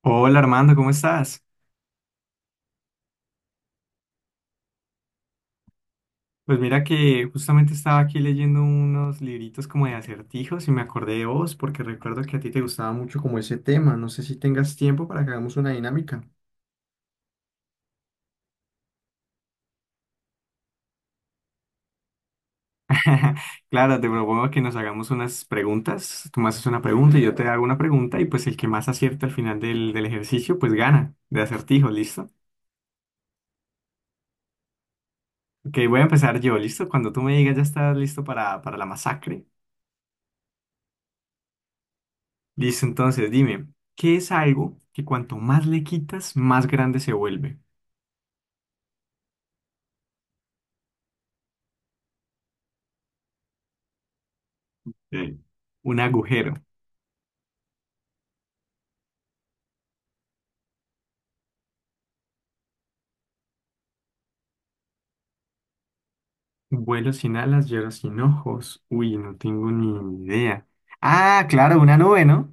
Hola Armando, ¿cómo estás? Pues mira que justamente estaba aquí leyendo unos libritos como de acertijos y me acordé de vos porque recuerdo que a ti te gustaba mucho como ese tema. No sé si tengas tiempo para que hagamos una dinámica. Claro, te propongo que nos hagamos unas preguntas. Tú me haces una pregunta y yo te hago una pregunta y pues el que más acierte al final del ejercicio pues gana de acertijos, ¿listo? Ok, voy a empezar yo, ¿listo? Cuando tú me digas ya estás listo para la masacre. Listo, entonces dime, ¿qué es algo que cuanto más le quitas, más grande se vuelve? Sí. Un agujero. Vuelo sin alas, lloro sin ojos. Uy, no tengo ni idea. Ah, claro, una nube, ¿no?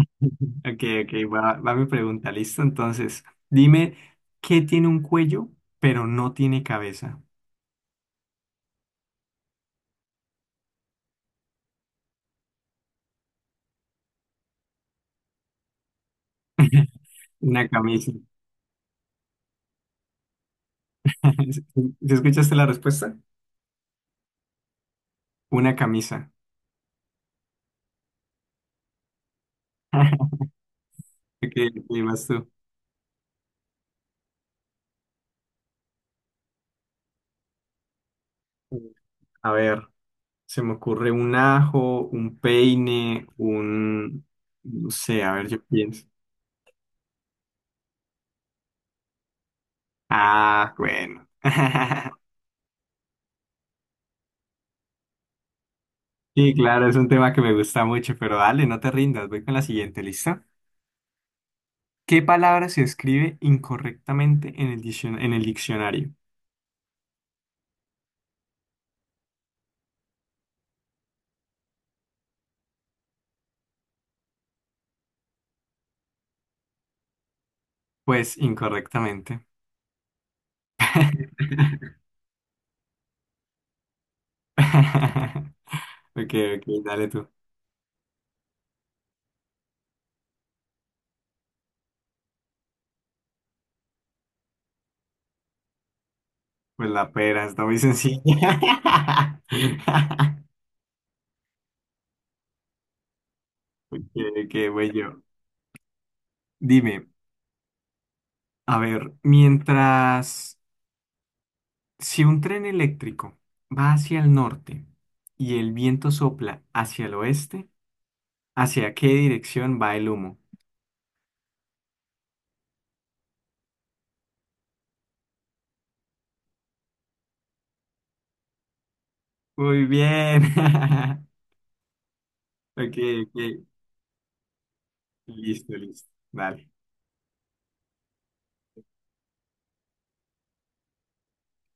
Ok, ok, va mi pregunta, listo. Entonces, dime, ¿qué tiene un cuello, pero no tiene cabeza? Una camisa. ¿Sí sí escuchaste la respuesta? Una camisa. Ok, ok, vas tú. A ver. Se me ocurre un ajo, un peine, un... No sé, a ver, yo pienso. Ah, bueno. Sí, claro, es un tema que me gusta mucho, pero dale, no te rindas, voy con la siguiente, lista. ¿Qué palabra se escribe incorrectamente en en el diccionario? Pues incorrectamente. Ok, ok, dale tú. Pues la pera, está muy sencilla. Ok, ok, voy yo. Dime, a ver, mientras... Si un tren eléctrico va hacia el norte y el viento sopla hacia el oeste, ¿hacia qué dirección va el humo? Muy bien. Ok, ok. Listo, listo. Vale.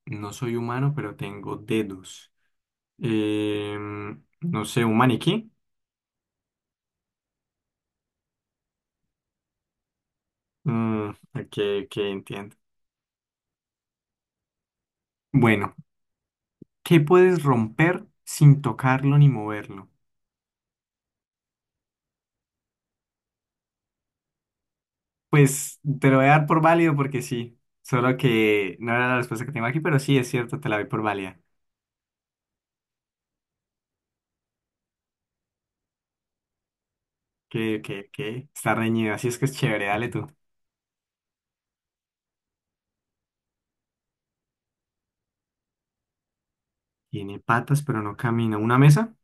No soy humano, pero tengo dedos. No sé, un maniquí. Mm, ok, ok, entiendo. Bueno, ¿qué puedes romper sin tocarlo ni moverlo? Pues te lo voy a dar por válido porque sí. Solo que no era la respuesta que tengo aquí, pero sí, es cierto, te la doy por válida. Que está reñido, así es que es chévere, dale tú. Tiene patas, pero no camina. ¿Una mesa?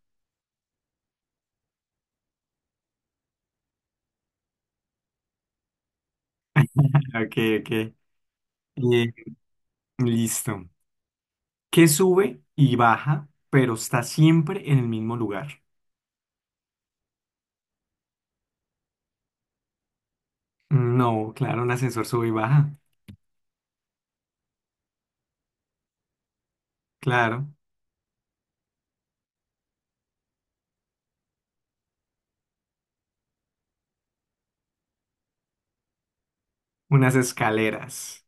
Ok, ok. Eh, listo. ¿Qué sube y baja, pero está siempre en el mismo lugar? No, claro, un ascensor sube y baja. Claro, unas escaleras.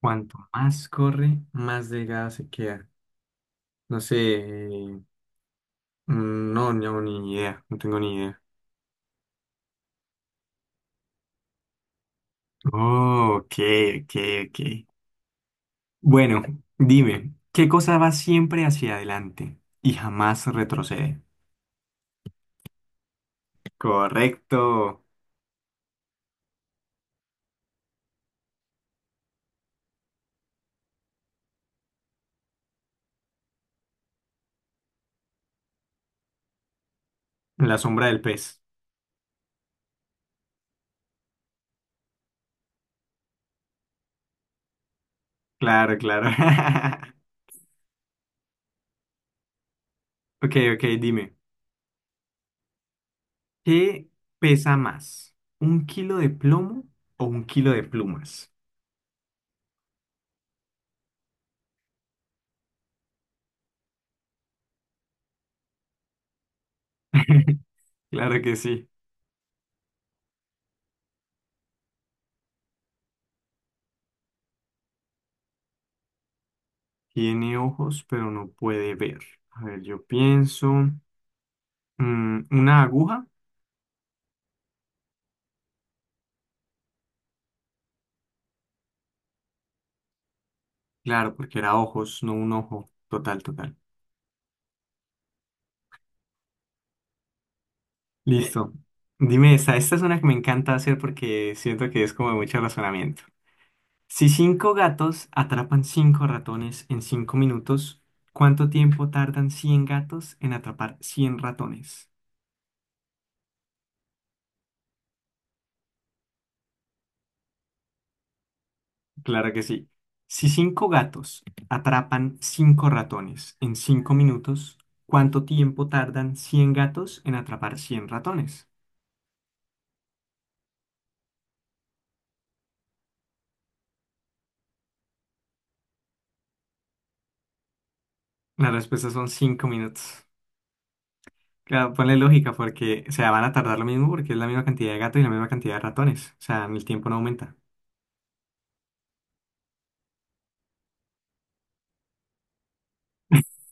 Cuanto más corre, más delgada se queda. No sé. No, no, ni idea, no tengo ni idea. Oh, ok, ok, ok. Bueno, dime, ¿qué cosa va siempre hacia adelante y jamás retrocede? Correcto, la sombra del pez. Claro, claro. Ok, ok, dime, ¿qué pesa más? ¿Un kilo de plomo o un kilo de plumas? Claro que sí. Tiene ojos, pero no puede ver. A ver, yo pienso, mm, ¿una aguja? Claro, porque era ojos, no un ojo. Total, total. Listo. Dime esta. Esta es una que me encanta hacer porque siento que es como de mucho razonamiento. Si 5 gatos atrapan 5 ratones en 5 minutos, ¿cuánto tiempo tardan 100 gatos en atrapar 100 ratones? Claro que sí. Si cinco gatos atrapan cinco ratones en cinco minutos, ¿cuánto tiempo tardan 100 gatos en atrapar 100 ratones? La respuesta son 5 minutos. Claro, ponle lógica, porque, o sea, van a tardar lo mismo porque es la misma cantidad de gatos y la misma cantidad de ratones. O sea, el tiempo no aumenta.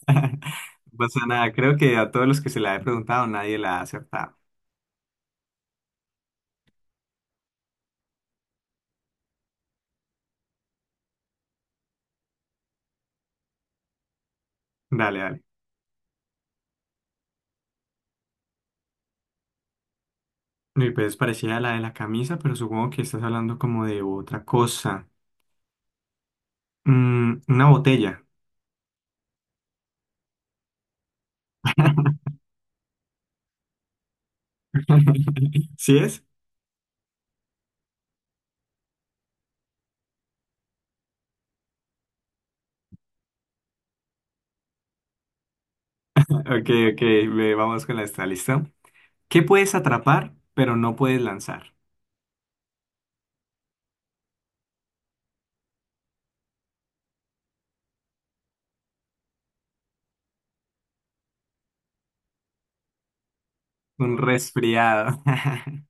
No pasa nada, creo que a todos los que se la he preguntado nadie la ha acertado. Dale, dale. Y pues parecía la de la camisa, pero supongo que estás hablando como de otra cosa. Mm, una botella. ¿Sí es? Ok, ok, ve, vamos con la esta, ¿listo? ¿Qué puedes atrapar, pero no puedes lanzar? Un resfriado.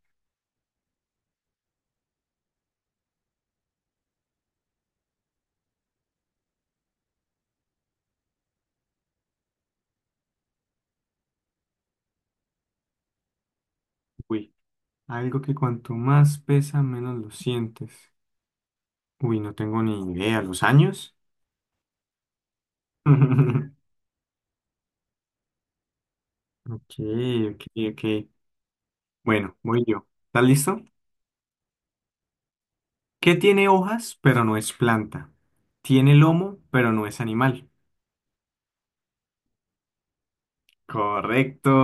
Uy. Algo que cuanto más pesa, menos lo sientes. Uy, no tengo ni idea. ¿Los años? Ok, ok, ok. Bueno, voy yo. ¿Estás listo? ¿Qué tiene hojas, pero no es planta? Tiene lomo, pero no es animal. Correcto.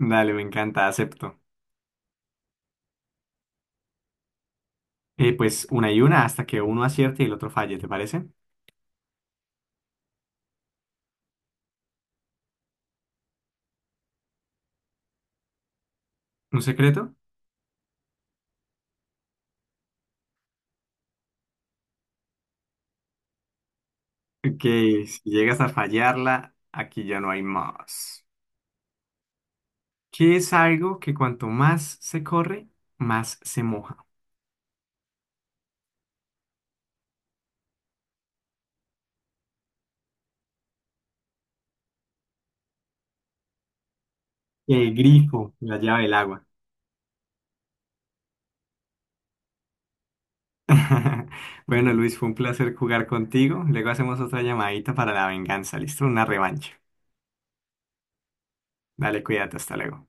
Dale, me encanta, acepto. Pues una y una hasta que uno acierte y el otro falle, ¿te parece? ¿Un secreto? Ok, si llegas a fallarla, aquí ya no hay más. ¿Qué es algo que cuanto más se corre, más se moja? El grifo, la llave del agua. Bueno, Luis, fue un placer jugar contigo. Luego hacemos otra llamadita para la venganza, ¿listo? Una revancha. Dale, cuídate, hasta luego.